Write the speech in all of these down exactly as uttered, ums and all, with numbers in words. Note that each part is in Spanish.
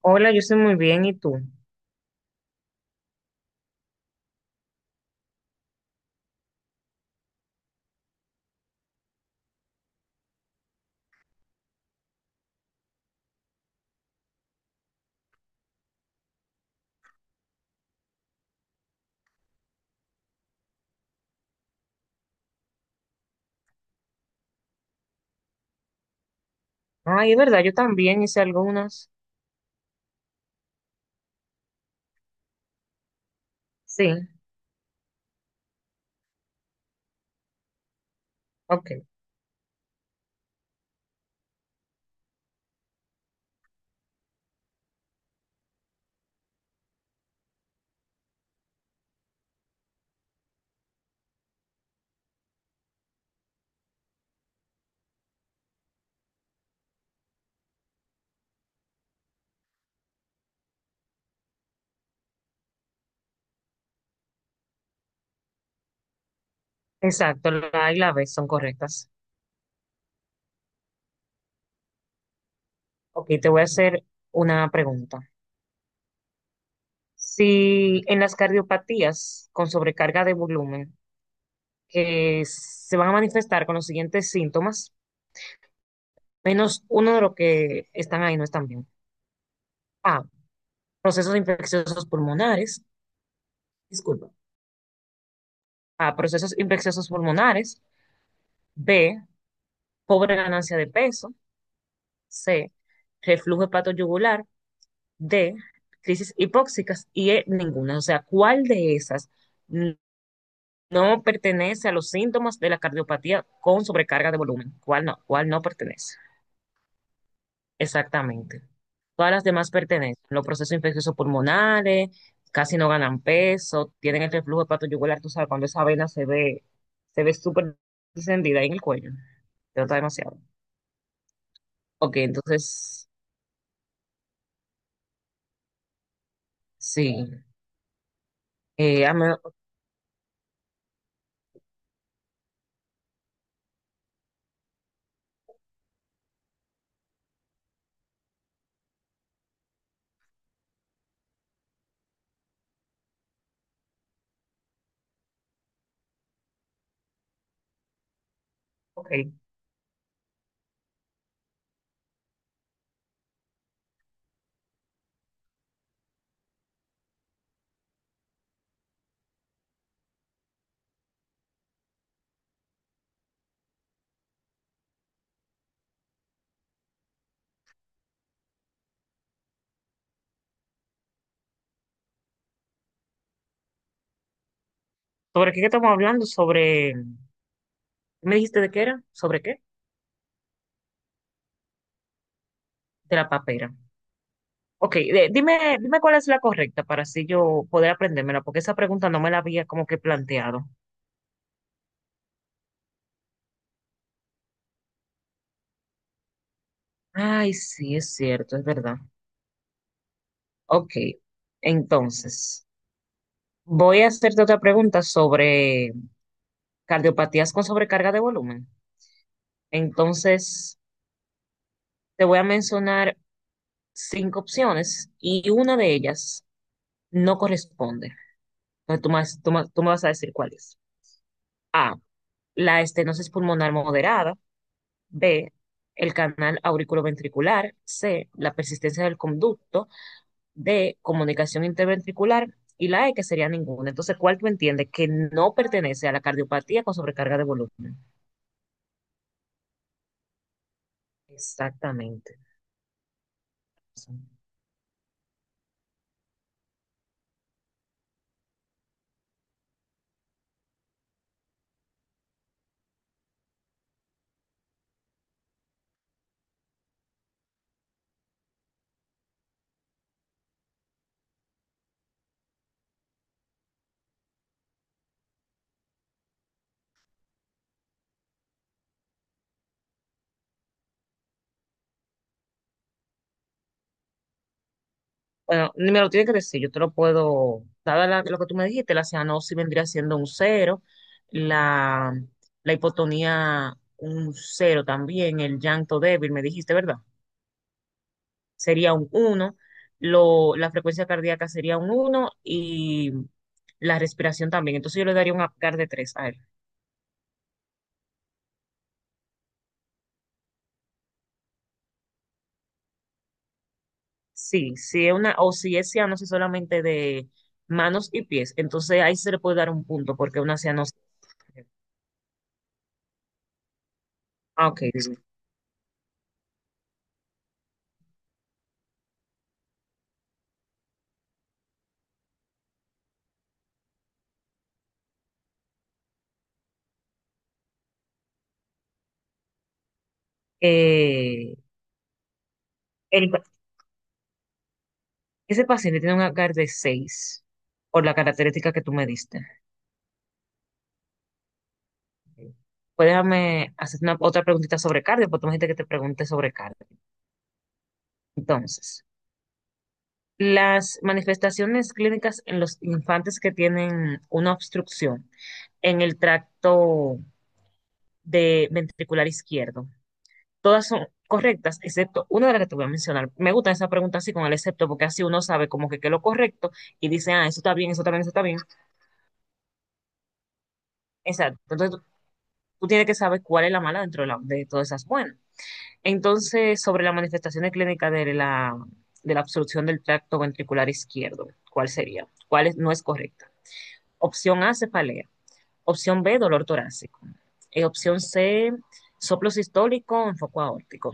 Hola, yo estoy muy bien, ¿y tú? Ay, es verdad, yo también hice algunas. Sí, ok. Exacto, la A y la B son correctas. Ok, te voy a hacer una pregunta. Si en las cardiopatías con sobrecarga de volumen que se van a manifestar con los siguientes síntomas, menos uno de los que están ahí no están bien. A, procesos infecciosos pulmonares, disculpa. A, procesos infecciosos pulmonares. B, pobre ganancia de peso. C, reflujo hepatoyugular de crisis hipóxicas y E, ninguna. O sea, ¿cuál de esas no pertenece a los síntomas de la cardiopatía con sobrecarga de volumen? ¿Cuál no? ¿Cuál no pertenece? Exactamente. Todas las demás pertenecen. Los procesos infecciosos pulmonares, casi no ganan peso, tienen el reflujo hepatoyugular, tú sabes, cuando esa vena se ve, se ve súper encendida ahí en el cuello. Te nota demasiado. Ok, entonces, sí. Eh, a me- ok. ¿Sobre qué estamos hablando? Sobre ¿me dijiste de qué era? ¿Sobre qué? De la papera. Ok, de- dime, dime cuál es la correcta para así yo poder aprendérmela, porque esa pregunta no me la había como que planteado. Ay, sí, es cierto, es verdad. Ok, entonces, voy a hacerte otra pregunta sobre cardiopatías con sobrecarga de volumen. Entonces, te voy a mencionar cinco opciones y una de ellas no corresponde. Entonces, tú, me vas- tú me tú me vas a decir cuál es. A, la estenosis pulmonar moderada. B, el canal auriculoventricular, C, la persistencia del conducto, D, comunicación interventricular y la E, que sería ninguna. Entonces, ¿cuál tú entiendes que no pertenece a la cardiopatía con sobrecarga de volumen? Exactamente. Bueno, ni me lo tienes que decir, yo te lo puedo, dada la- lo que tú me dijiste, la cianosis vendría siendo un cero, la, la hipotonía un cero también, el llanto débil, me dijiste, ¿verdad? Sería un uno lo, la frecuencia cardíaca sería un uno y la respiración también. Entonces yo le daría un Apgar de tres a él. Sí, si es una, o si es cianosis solamente de manos y pies, entonces ahí se le puede dar un punto porque una cianosis. Ah, ok, dime. Eh, el ese paciente tiene un Apgar de seis por la característica que tú me diste. Pues déjame hacer una, otra preguntita sobre cardio, porque tú me dijiste que te pregunte sobre cardio. Entonces, las manifestaciones clínicas en los infantes que tienen una obstrucción en el tracto de ventricular izquierdo, todas son correctas, excepto una de las que te voy a mencionar. Me gusta esa pregunta así con el excepto, porque así uno sabe como que qué es lo correcto y dice, ah, eso está bien, eso está bien, eso está bien. Exacto. Entonces tú, tú tienes que saber cuál es la mala dentro de, la- de todas esas buenas. Entonces, sobre la manifestación clínica de la, de la obstrucción del tracto ventricular izquierdo, ¿cuál sería? ¿Cuál es- no es correcta? Opción A, cefalea. Opción B, dolor torácico. Eh, opción C, soplo sistólico en foco aórtico.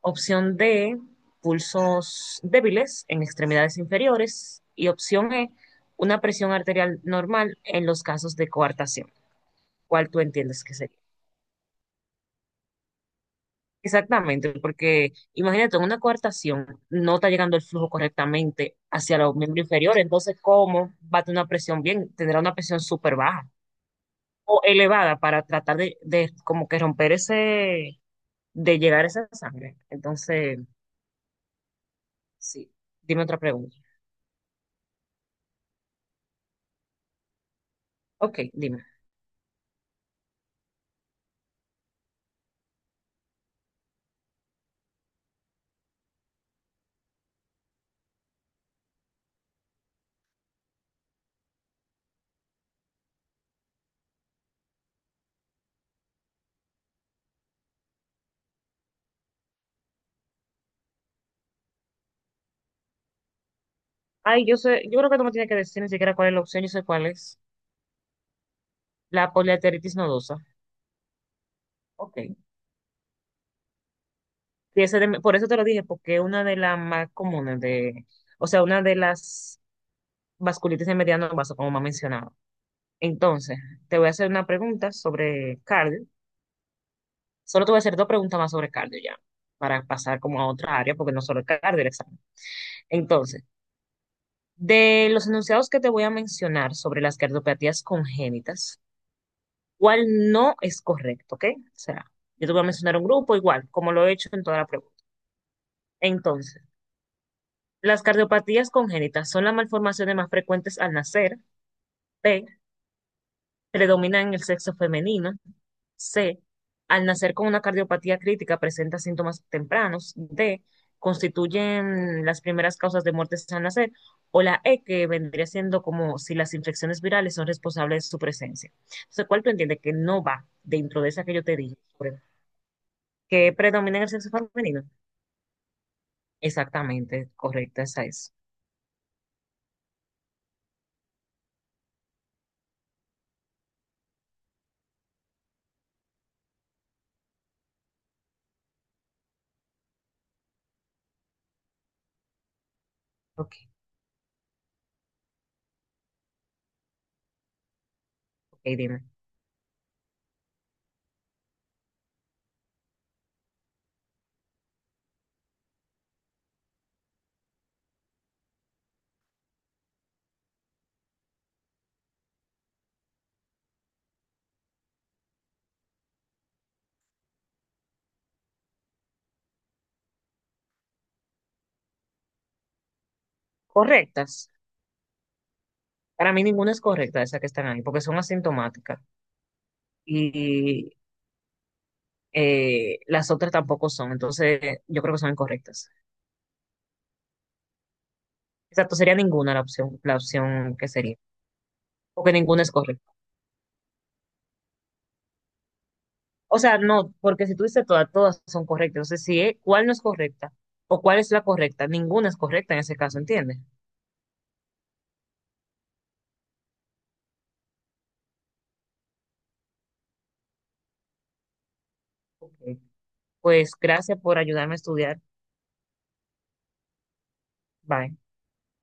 Opción D, pulsos débiles en extremidades inferiores. Y opción E, una presión arterial normal en los casos de coartación. ¿Cuál tú entiendes que sería? Exactamente, porque imagínate, en una coartación no está llegando el flujo correctamente hacia los miembros inferiores, entonces, ¿cómo va a tener una presión bien? Tendrá una presión súper baja. O elevada para tratar de, de como que romper ese, de llegar a esa sangre. Entonces, sí, dime otra pregunta. Ok, dime. Ay, yo sé, yo creo que tú me tienes que decir ni siquiera cuál es la opción, yo sé cuál es. La poliarteritis nodosa. Ok. Y ese de- por eso te lo dije, porque es una de las más comunes de, o sea, una de las vasculitis de mediano vaso, como me ha mencionado. Entonces, te voy a hacer una pregunta sobre cardio. Solo te voy a hacer dos preguntas más sobre cardio ya, para pasar como a otra área, porque no solo es cardio el examen. Entonces, de los enunciados que te voy a mencionar sobre las cardiopatías congénitas, ¿cuál no es correcto? ¿Ok? O sea, yo te voy a mencionar un grupo igual, como lo he hecho en toda la pregunta. Entonces, las cardiopatías congénitas son las malformaciones más frecuentes al nacer. P, predominan en el sexo femenino. C, al nacer con una cardiopatía crítica presenta síntomas tempranos. D, constituyen las primeras causas de muertes al nacer. O la E, que vendría siendo como si las infecciones virales son responsables de su presencia. Entonces, ¿cuál tú entiendes que no va dentro de esa que yo te dije? Que predomina en el sexo femenino. Exactamente, correcta, esa es. Ok, ok, dime. Correctas. Para mí ninguna es correcta de esas que están ahí, porque son asintomáticas. Y eh, las otras tampoco son, entonces yo creo que son incorrectas. Exacto, sería ninguna la opción, la opción que sería, porque ninguna es correcta. O sea, no, porque si tú dices todas, todas son correctas, entonces si es- cuál no es correcta o cuál es la correcta, ninguna es correcta en ese caso, ¿entiendes? Ok. Pues gracias por ayudarme a estudiar. Bye.